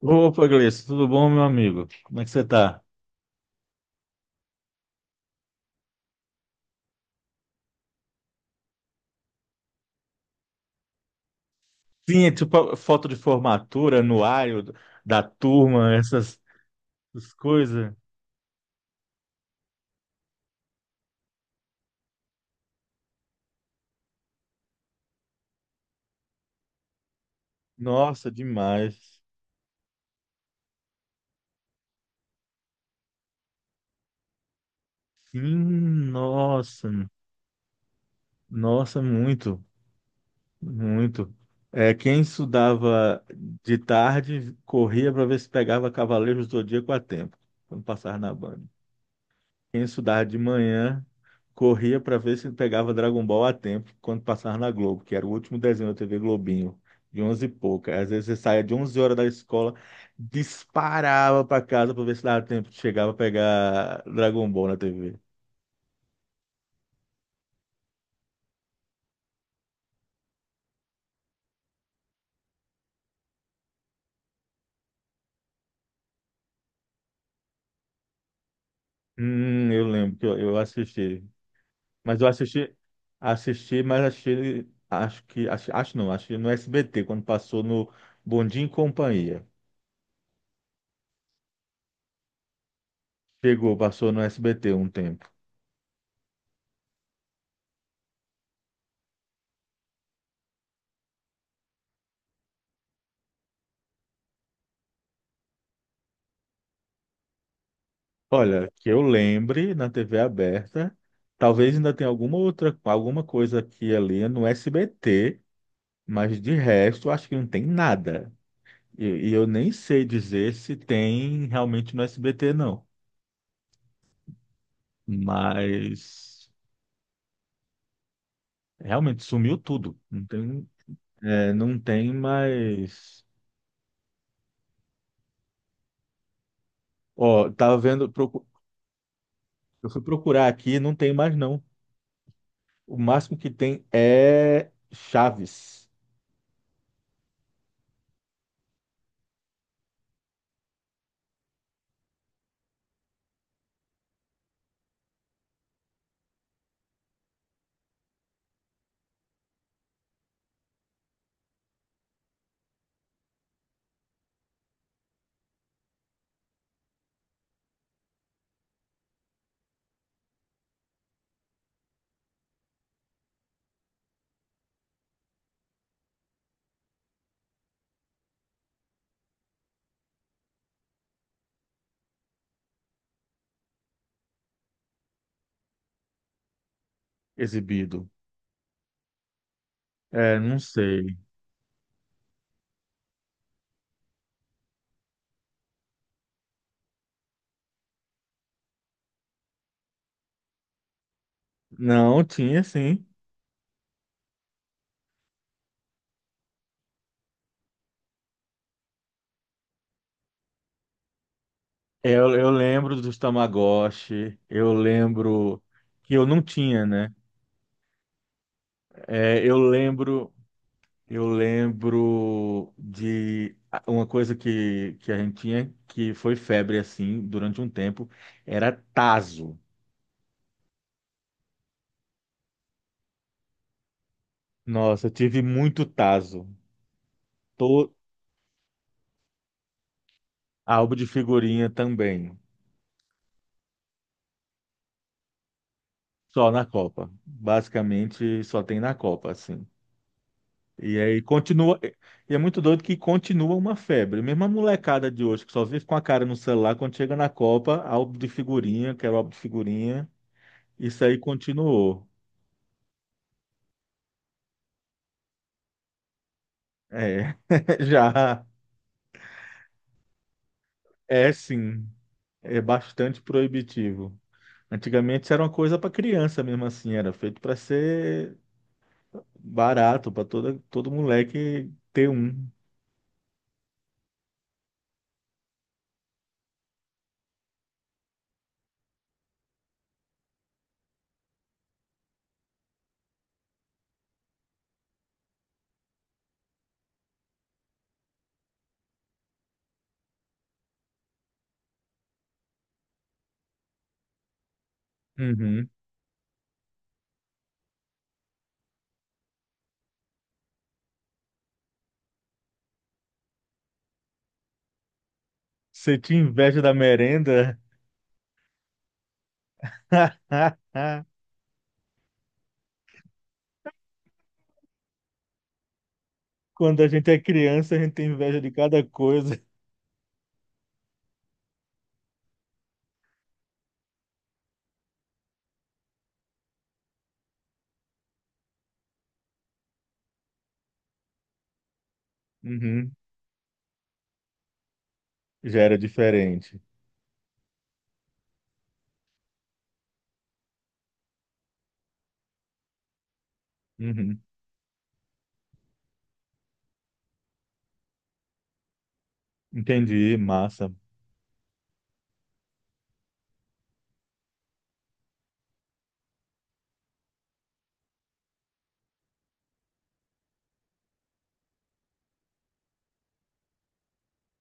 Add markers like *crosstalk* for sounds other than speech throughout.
Opa, Gleice, tudo bom, meu amigo? Como é que você tá? Sim, é tipo foto de formatura, anuário da turma, essas coisas. Nossa, demais. Sim, nossa, nossa, muito, muito. É, quem estudava de tarde corria para ver se pegava Cavaleiros do Zodíaco a tempo, quando passava na banca. Quem estudava de manhã corria para ver se pegava Dragon Ball a tempo quando passava na Globo, que era o último desenho da TV Globinho, de 11 e pouca. Às vezes você saía de 11 horas da escola, disparava para casa para ver se dava tempo de chegar para pegar Dragon Ball na TV. Eu lembro que eu assisti. Mas eu assisti, assisti, mas achei, acho que, acho, acho não, acho que no SBT, quando passou no Bom Dia e Companhia. Chegou, passou no SBT um tempo. Olha, que eu lembre na TV aberta, talvez ainda tenha alguma outra, alguma coisa aqui e ali no SBT, mas de resto acho que não tem nada. E, e eu nem sei dizer se tem realmente no SBT, não. Mas realmente sumiu tudo. Não tem, é, não tem mais. Ó, tava vendo, eu fui procurar aqui, não tem mais não. O máximo que tem é Chaves exibido. É, não sei. Não, tinha sim. É, eu lembro dos Tamagotchi, eu lembro que eu não tinha, né? É, eu lembro de uma coisa que a gente tinha que foi febre assim durante um tempo, era taso. Nossa, eu tive muito taso. Tô álbum de figurinha também, só na Copa. Basicamente só tem na Copa, assim. E aí continua. E é muito doido que continua uma febre. Mesmo a molecada de hoje, que só vive com a cara no celular, quando chega na Copa, álbum de figurinha, quero álbum de figurinha. Isso aí continuou. É, *laughs* já é sim, é bastante proibitivo. Antigamente isso era uma coisa para criança mesmo assim, era feito para ser barato, para toda todo moleque ter um. Uhum. Você tinha inveja da merenda? *laughs* Quando a gente é criança, a gente tem inveja de cada coisa. Uhum. Já era diferente. Uhum. Entendi, massa.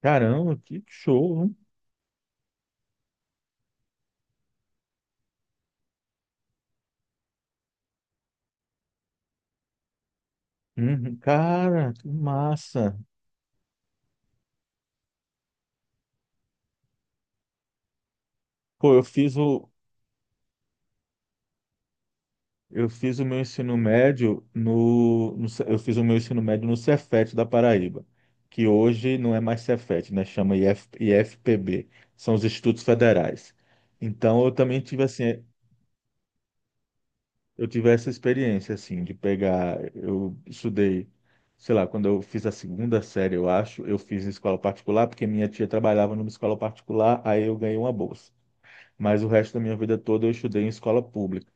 Caramba, que show, hein? Uhum. Cara, que massa. Pô, eu fiz o meu ensino médio no, no Ce- eu fiz o meu ensino médio no Cefet da Paraíba, que hoje não é mais Cefet, né? Chama IF, IFPB, são os Institutos Federais. Então eu também tive assim, eu tive essa experiência, assim, de pegar. Eu estudei, sei lá, quando eu fiz a segunda série, eu acho, eu fiz em escola particular, porque minha tia trabalhava numa escola particular, aí eu ganhei uma bolsa. Mas o resto da minha vida toda eu estudei em escola pública.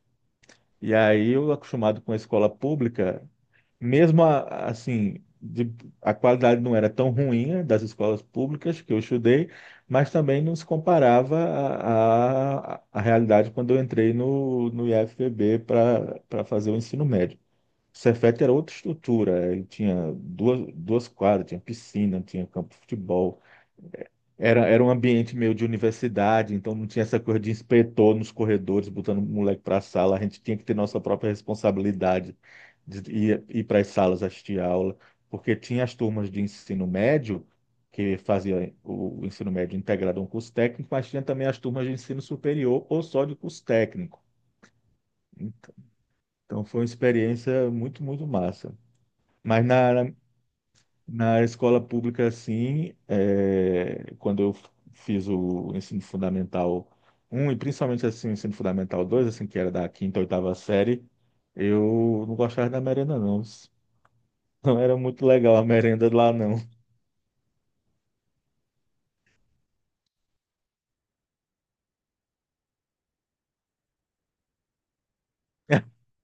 E aí eu acostumado com a escola pública, mesmo assim, a qualidade não era tão ruim, né, das escolas públicas que eu estudei, mas também não se comparava à realidade quando eu entrei no IFPB para fazer o ensino médio. O Cefet era outra estrutura, ele tinha duas quadras, tinha piscina, tinha campo de futebol, era um ambiente meio de universidade, então não tinha essa coisa de inspetor nos corredores, botando o moleque para a sala. A gente tinha que ter nossa própria responsabilidade de ir para as salas assistir a aula, porque tinha as turmas de ensino médio, que fazia o ensino médio integrado a um curso técnico, mas tinha também as turmas de ensino superior ou só de curso técnico. Então foi uma experiência muito, muito massa. Mas na escola pública, sim, é, quando eu fiz o ensino fundamental um e principalmente assim, o ensino fundamental 2 assim, que era da quinta, oitava série, eu não gostava da merenda, não. *laughs* Não era muito legal a merenda lá, não.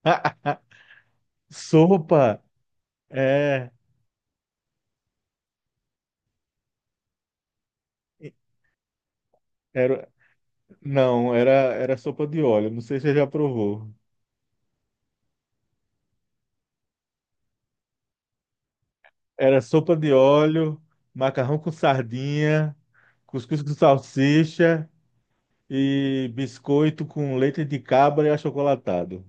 *laughs* Sopa! É. Era, não, era sopa de óleo. Não sei se você já provou. Era sopa de óleo, macarrão com sardinha, cuscuz com salsicha, e biscoito com leite de cabra e achocolatado.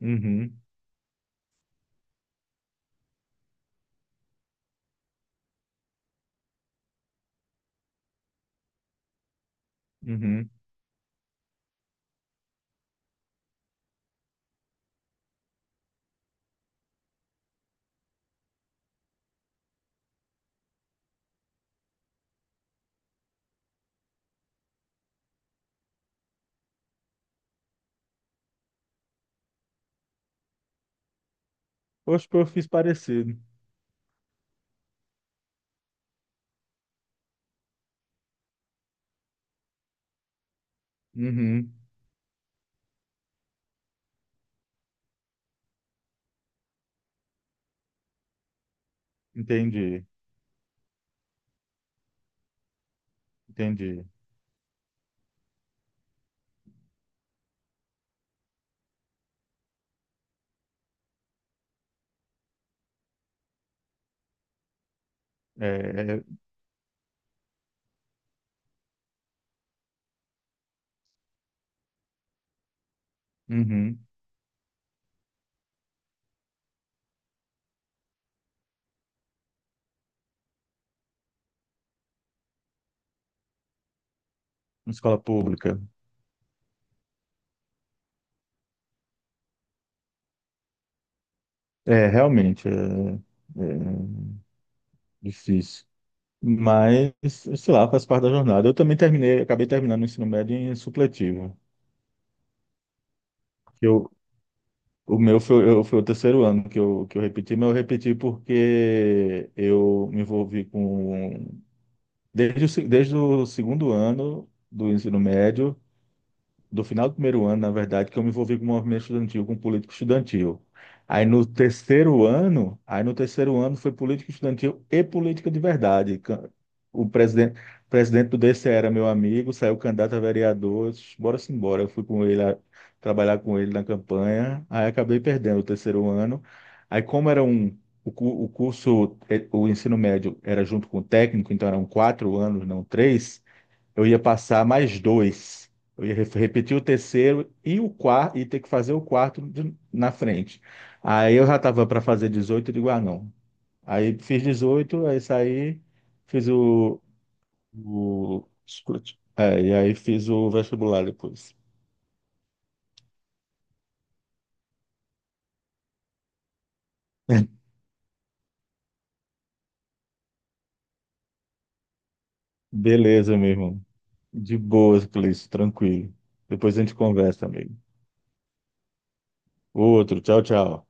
Uhum, uhum. Oxe, pô, eu fiz parecido. Uhum, entendi, entendi. É, é, uhum, escola pública. É, realmente, é difícil. Mas, sei lá, faz parte da jornada. Eu também terminei, acabei terminando o ensino médio em supletivo. que Eu, o meu foi, eu, foi o terceiro ano que eu repeti, mas eu repeti porque eu me envolvi com. Desde o, se- desde o segundo ano do ensino médio, do final do primeiro ano, na verdade, que eu me envolvi com o movimento estudantil, com político estudantil. Aí no terceiro ano foi política estudantil e política de verdade. O presidente do DCE era meu amigo, saiu candidato a vereador, eu disse, bora sim, bora. Eu fui com ele a, trabalhar com ele na campanha, aí acabei perdendo o terceiro ano. Aí como era um o curso, o ensino médio era junto com o técnico, então eram 4 anos, não três, eu ia passar mais dois. Eu ia repetir o terceiro e o quarto, e ter que fazer o quarto na frente. Aí eu já estava para fazer 18. Eu digo, ah, não. Aí fiz 18, aí saí, fiz o. É, e aí fiz o vestibular depois. *laughs* Beleza, meu irmão. De boas, Cleice, tranquilo. Depois a gente conversa, amigo. Outro, tchau, tchau.